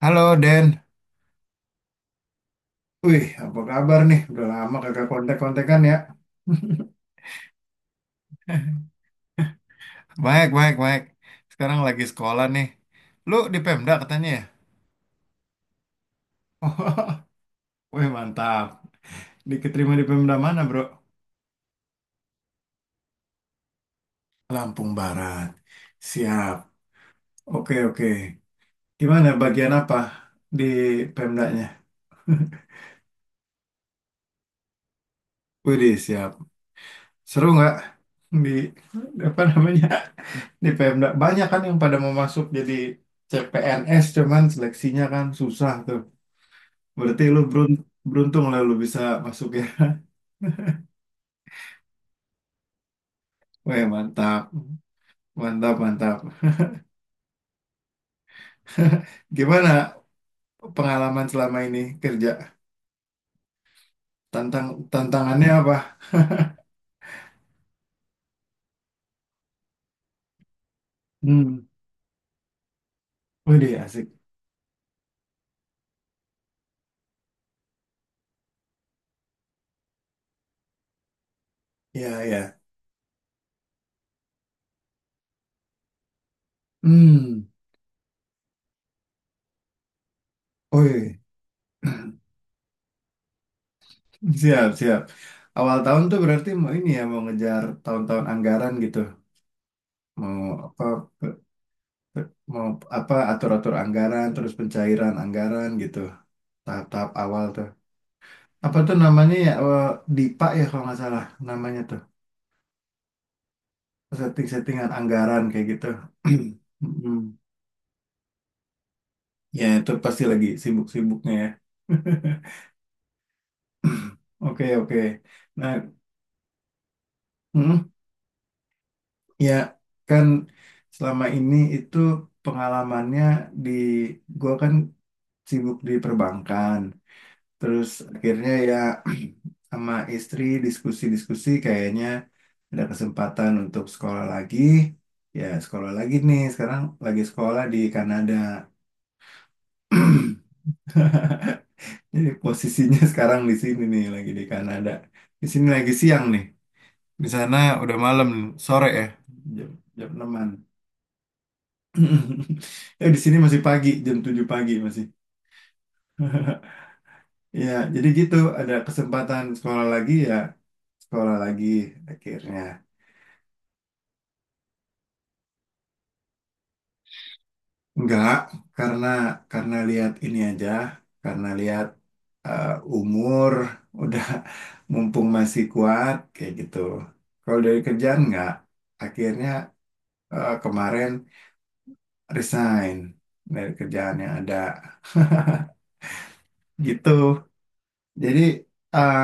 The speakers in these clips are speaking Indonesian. Halo Den, wih apa kabar nih? Udah lama kagak kontak-kontakan ya. Baik, baik, baik. Sekarang lagi sekolah nih. Lu di Pemda katanya ya? Wih mantap. Diketerima di Pemda mana, bro? Lampung Barat. Siap. Oke, oke. Gimana bagian apa di Pemdanya? Wih siap. Seru nggak di apa namanya, di Pemda? Banyak kan yang pada mau masuk jadi CPNS, cuman seleksinya kan susah tuh. Berarti lu berun- Beruntung lah lu bisa masuk ya. Weh mantap, mantap, mantap. Gimana pengalaman selama ini kerja? Tantang Tantangannya apa? Hmm. Widih asik. Ya, ya. Hmm. Wih, siap, siap. Awal tahun tuh berarti mau ini ya, mau ngejar tahun-tahun anggaran gitu. mau apa pe- Mau apa atur-atur anggaran, terus pencairan anggaran gitu tahap-tahap awal tuh, apa tuh namanya ya, DIPA ya kalau nggak salah namanya tuh, setting-settingan anggaran kayak gitu. mm Ya itu pasti lagi sibuk-sibuknya ya. Oke, oke. Nah, mm, ya kan selama ini itu pengalamannya di gua kan sibuk di perbankan. Terus akhirnya ya, sama istri diskusi-diskusi kayaknya ada kesempatan untuk sekolah lagi. Ya sekolah lagi nih, sekarang lagi sekolah di Kanada. Jadi posisinya sekarang di sini nih lagi di Kanada. Di sini lagi siang nih. Di sana udah malam, sore ya, jam jam 6. Ya, di sini masih pagi, jam 7 pagi masih. Ya jadi gitu, ada kesempatan sekolah lagi ya, sekolah lagi akhirnya. Enggak, karena karena lihat ini aja, karena lihat eh, umur udah, mumpung masih kuat kayak gitu. Kalau dari kerjaan enggak, akhirnya kemarin resign dari kerjaan yang ada gitu. Jadi eh,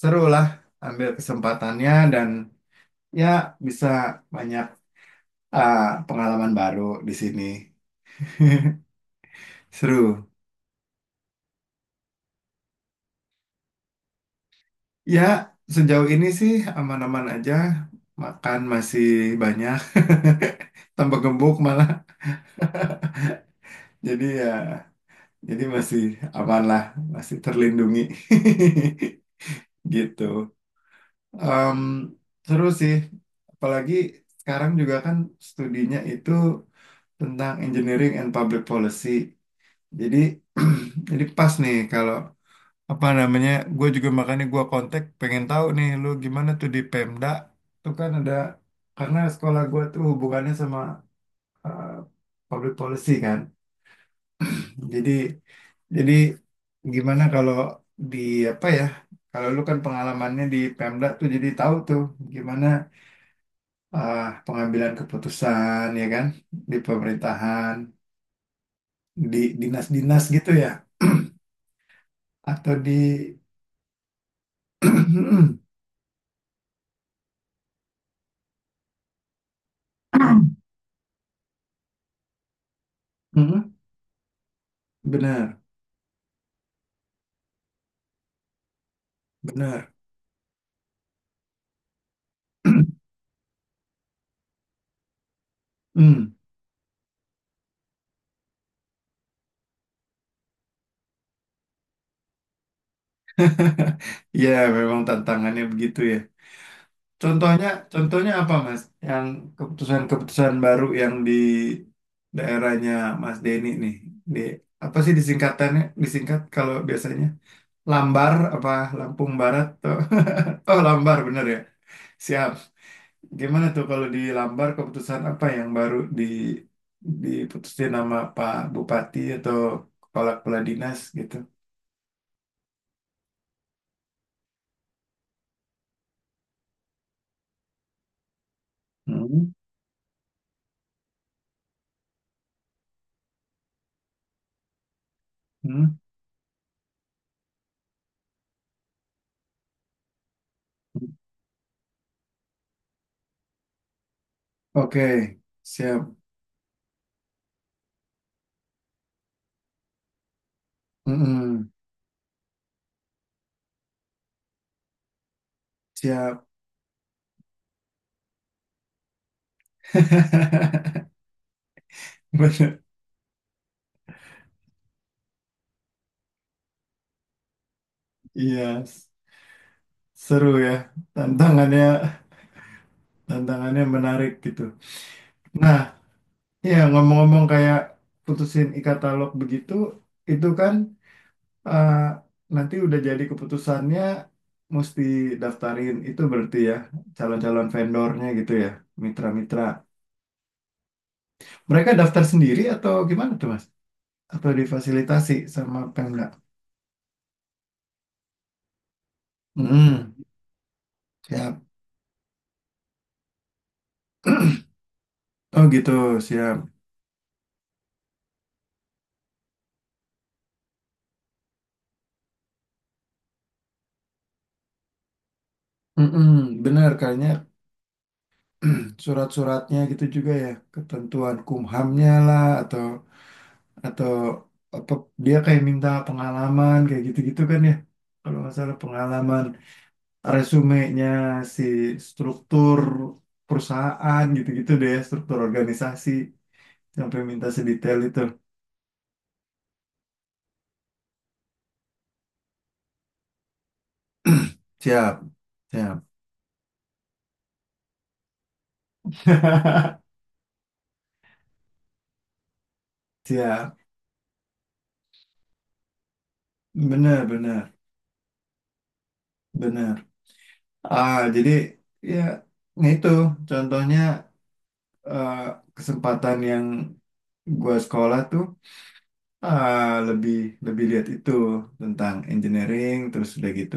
seru lah ambil kesempatannya, dan ya bisa banyak pengalaman baru di sini. Seru. Ya, sejauh ini sih aman-aman aja. Makan masih banyak. Tambah gemuk malah. Jadi ya, jadi masih aman lah. Masih terlindungi. Gitu. Em, Seru sih. Apalagi sekarang juga kan studinya itu tentang engineering and public policy. Jadi, jadi pas nih kalau apa namanya, gue juga makanya gue kontak pengen tahu nih lu gimana tuh di Pemda, tuh kan ada, karena sekolah gue tuh hubungannya sama eh, public policy kan. jadi jadi gimana kalau di apa ya, kalau lu kan pengalamannya di Pemda tuh jadi tahu tuh gimana eh, pengambilan keputusan ya kan, di pemerintahan, di dinas-dinas gitu ya, atau di benar, benar, benar. Hmm. Ya, memang tantangannya begitu ya. Contohnya, contohnya apa, Mas? Yang keputusan-keputusan baru yang di daerahnya Mas Denny nih. Di apa sih disingkatannya? Disingkat kalau biasanya Lambar apa, Lampung Barat tuh. Oh, Lambar bener ya. Siap. Gimana tuh kalau di Lambar keputusan apa yang baru di diputusin nama Pak Bupati atau kepala kepala dinas gitu? Hmm. Hmm. Oke, siap. Mm-mm, siap. Bener. Iya, seru ya. Tantangannya, tantangannya menarik gitu. Nah, ya ngomong-ngomong kayak putusin e-katalog begitu, itu kan eh, nanti udah jadi keputusannya mesti daftarin. Itu berarti ya calon-calon vendornya gitu ya, mitra-mitra. Mereka daftar sendiri atau gimana tuh, Mas? Atau difasilitasi sama Pemda? Hmm, siap. Oh gitu, siap. Mm-mm, benar kayaknya. Surat-suratnya gitu juga ya, ketentuan kumhamnya lah, atau apa dia kayak minta pengalaman kayak gitu-gitu kan ya, kalau nggak salah pengalaman resumenya, si struktur perusahaan gitu-gitu deh, struktur organisasi, sampai minta sedetail itu. Siap, siap. Siap, benar, benar, benar. Ah jadi ya nah itu contohnya, eh, kesempatan yang gua sekolah tuh eh, lebih lebih lihat itu tentang engineering, terus udah gitu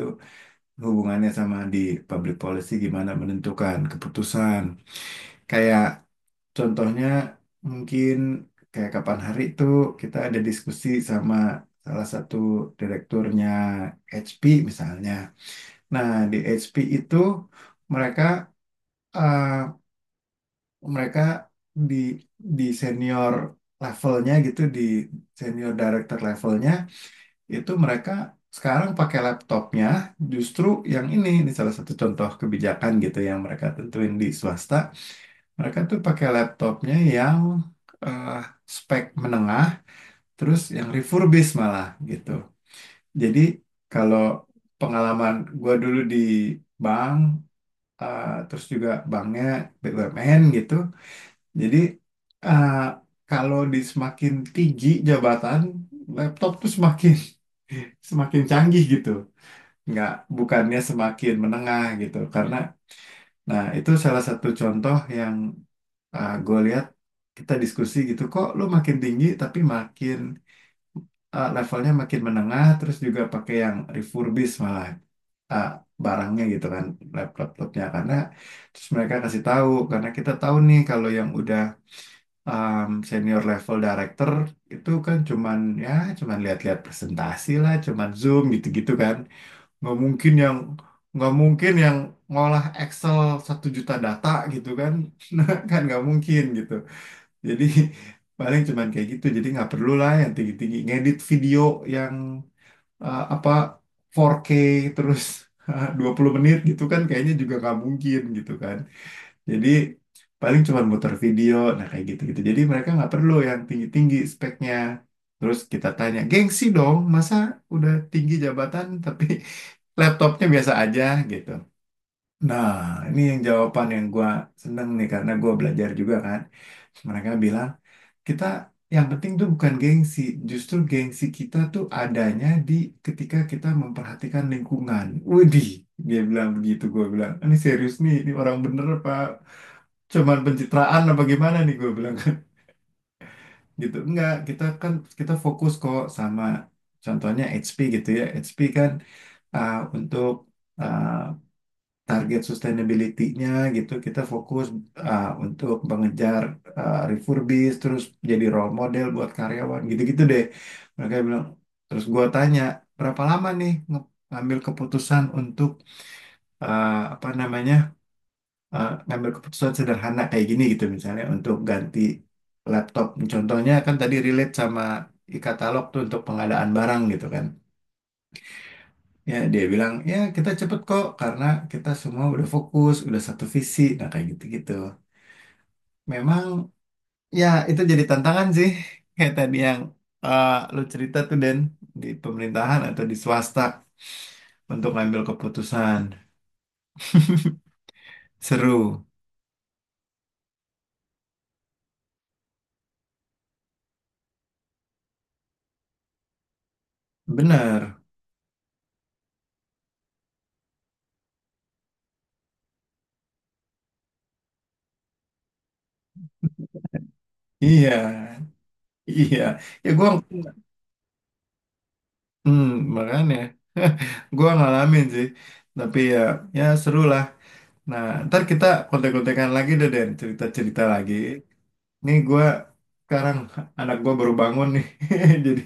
hubungannya sama di public policy, gimana menentukan keputusan, kayak contohnya mungkin kayak kapan hari itu kita ada diskusi sama salah satu direkturnya HP misalnya. Nah, di HP itu mereka eh, mereka di di senior levelnya gitu, di senior director levelnya, itu mereka sekarang pakai laptopnya, justru yang ini salah satu contoh kebijakan gitu yang mereka tentuin di swasta, mereka tuh pakai laptopnya yang eh, spek menengah, terus yang refurbished malah gitu. Jadi kalau pengalaman gua dulu di bank, terus juga banknya BUMN gitu, jadi eh, kalau di semakin tinggi jabatan, laptop tuh semakin semakin canggih gitu. Nggak, bukannya semakin menengah gitu. Karena, nah itu salah satu contoh yang gue lihat kita diskusi gitu. Kok lu makin tinggi tapi makin levelnya makin menengah, terus juga pakai yang refurbished malah eh, barangnya gitu kan, laptop-laptopnya. Karena terus mereka kasih tahu, karena kita tahu nih kalau yang udah senior level director itu kan cuman ya cuman lihat-lihat presentasi lah, cuman Zoom gitu-gitu kan. Nggak mungkin yang nggak mungkin yang ngolah Excel 1 juta data gitu kan. Kan nggak mungkin gitu. Jadi paling cuman kayak gitu. Jadi nggak perlu lah yang tinggi-tinggi ngedit video yang apa 4K terus 20 menit gitu kan, kayaknya juga nggak mungkin gitu kan. Jadi paling cuma muter video, nah kayak gitu-gitu. Jadi mereka nggak perlu yang tinggi-tinggi speknya. Terus kita tanya, gengsi dong, masa udah tinggi jabatan tapi laptopnya biasa aja gitu. Nah, ini yang jawaban yang gua seneng nih, karena gua belajar juga kan. Mereka bilang, kita yang penting tuh bukan gengsi, justru gengsi kita tuh adanya di ketika kita memperhatikan lingkungan. Widih, dia bilang begitu, gua bilang, ini serius nih, ini orang bener apa cuman pencitraan apa gimana nih, gue bilang kan. Gitu enggak, kita kan kita fokus kok sama contohnya HP gitu ya, HP kan untuk uh, target sustainability-nya gitu, kita fokus untuk mengejar refurbish, terus jadi role model buat karyawan gitu-gitu deh, mereka bilang. Terus gue tanya berapa lama nih ngambil keputusan untuk apa namanya, ngambil keputusan sederhana kayak gini gitu, misalnya untuk ganti laptop. Contohnya kan tadi relate sama e-katalog tuh untuk pengadaan barang gitu kan. Ya dia bilang ya kita cepet kok, karena kita semua udah fokus, udah satu visi. Nah kayak gitu-gitu. Memang ya itu jadi tantangan sih, kayak tadi yang eh, lu cerita tuh Den, di pemerintahan atau di swasta untuk ngambil keputusan. Seru. Bener. Iya. Iya. Ya gua, Hmm, makanya gua ngalamin sih, tapi ya ya seru lah. Nah, ntar kita kontek-kontekan lagi deh Den, cerita-cerita lagi. Nih gua sekarang anak gua baru bangun nih, jadi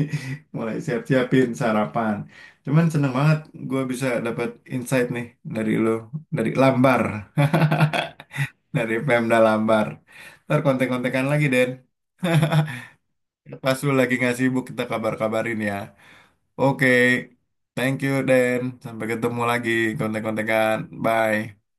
mulai siap-siapin sarapan. Cuman seneng banget gua bisa dapat insight nih dari lo, dari Lambar, dari Pemda Lambar. Ntar kontek-kontekan lagi Den. Pas lu lagi nggak sibuk kita kabar-kabarin ya. Oke, thank you, Dan. Sampai ketemu lagi, kontek-kontekan. Bye.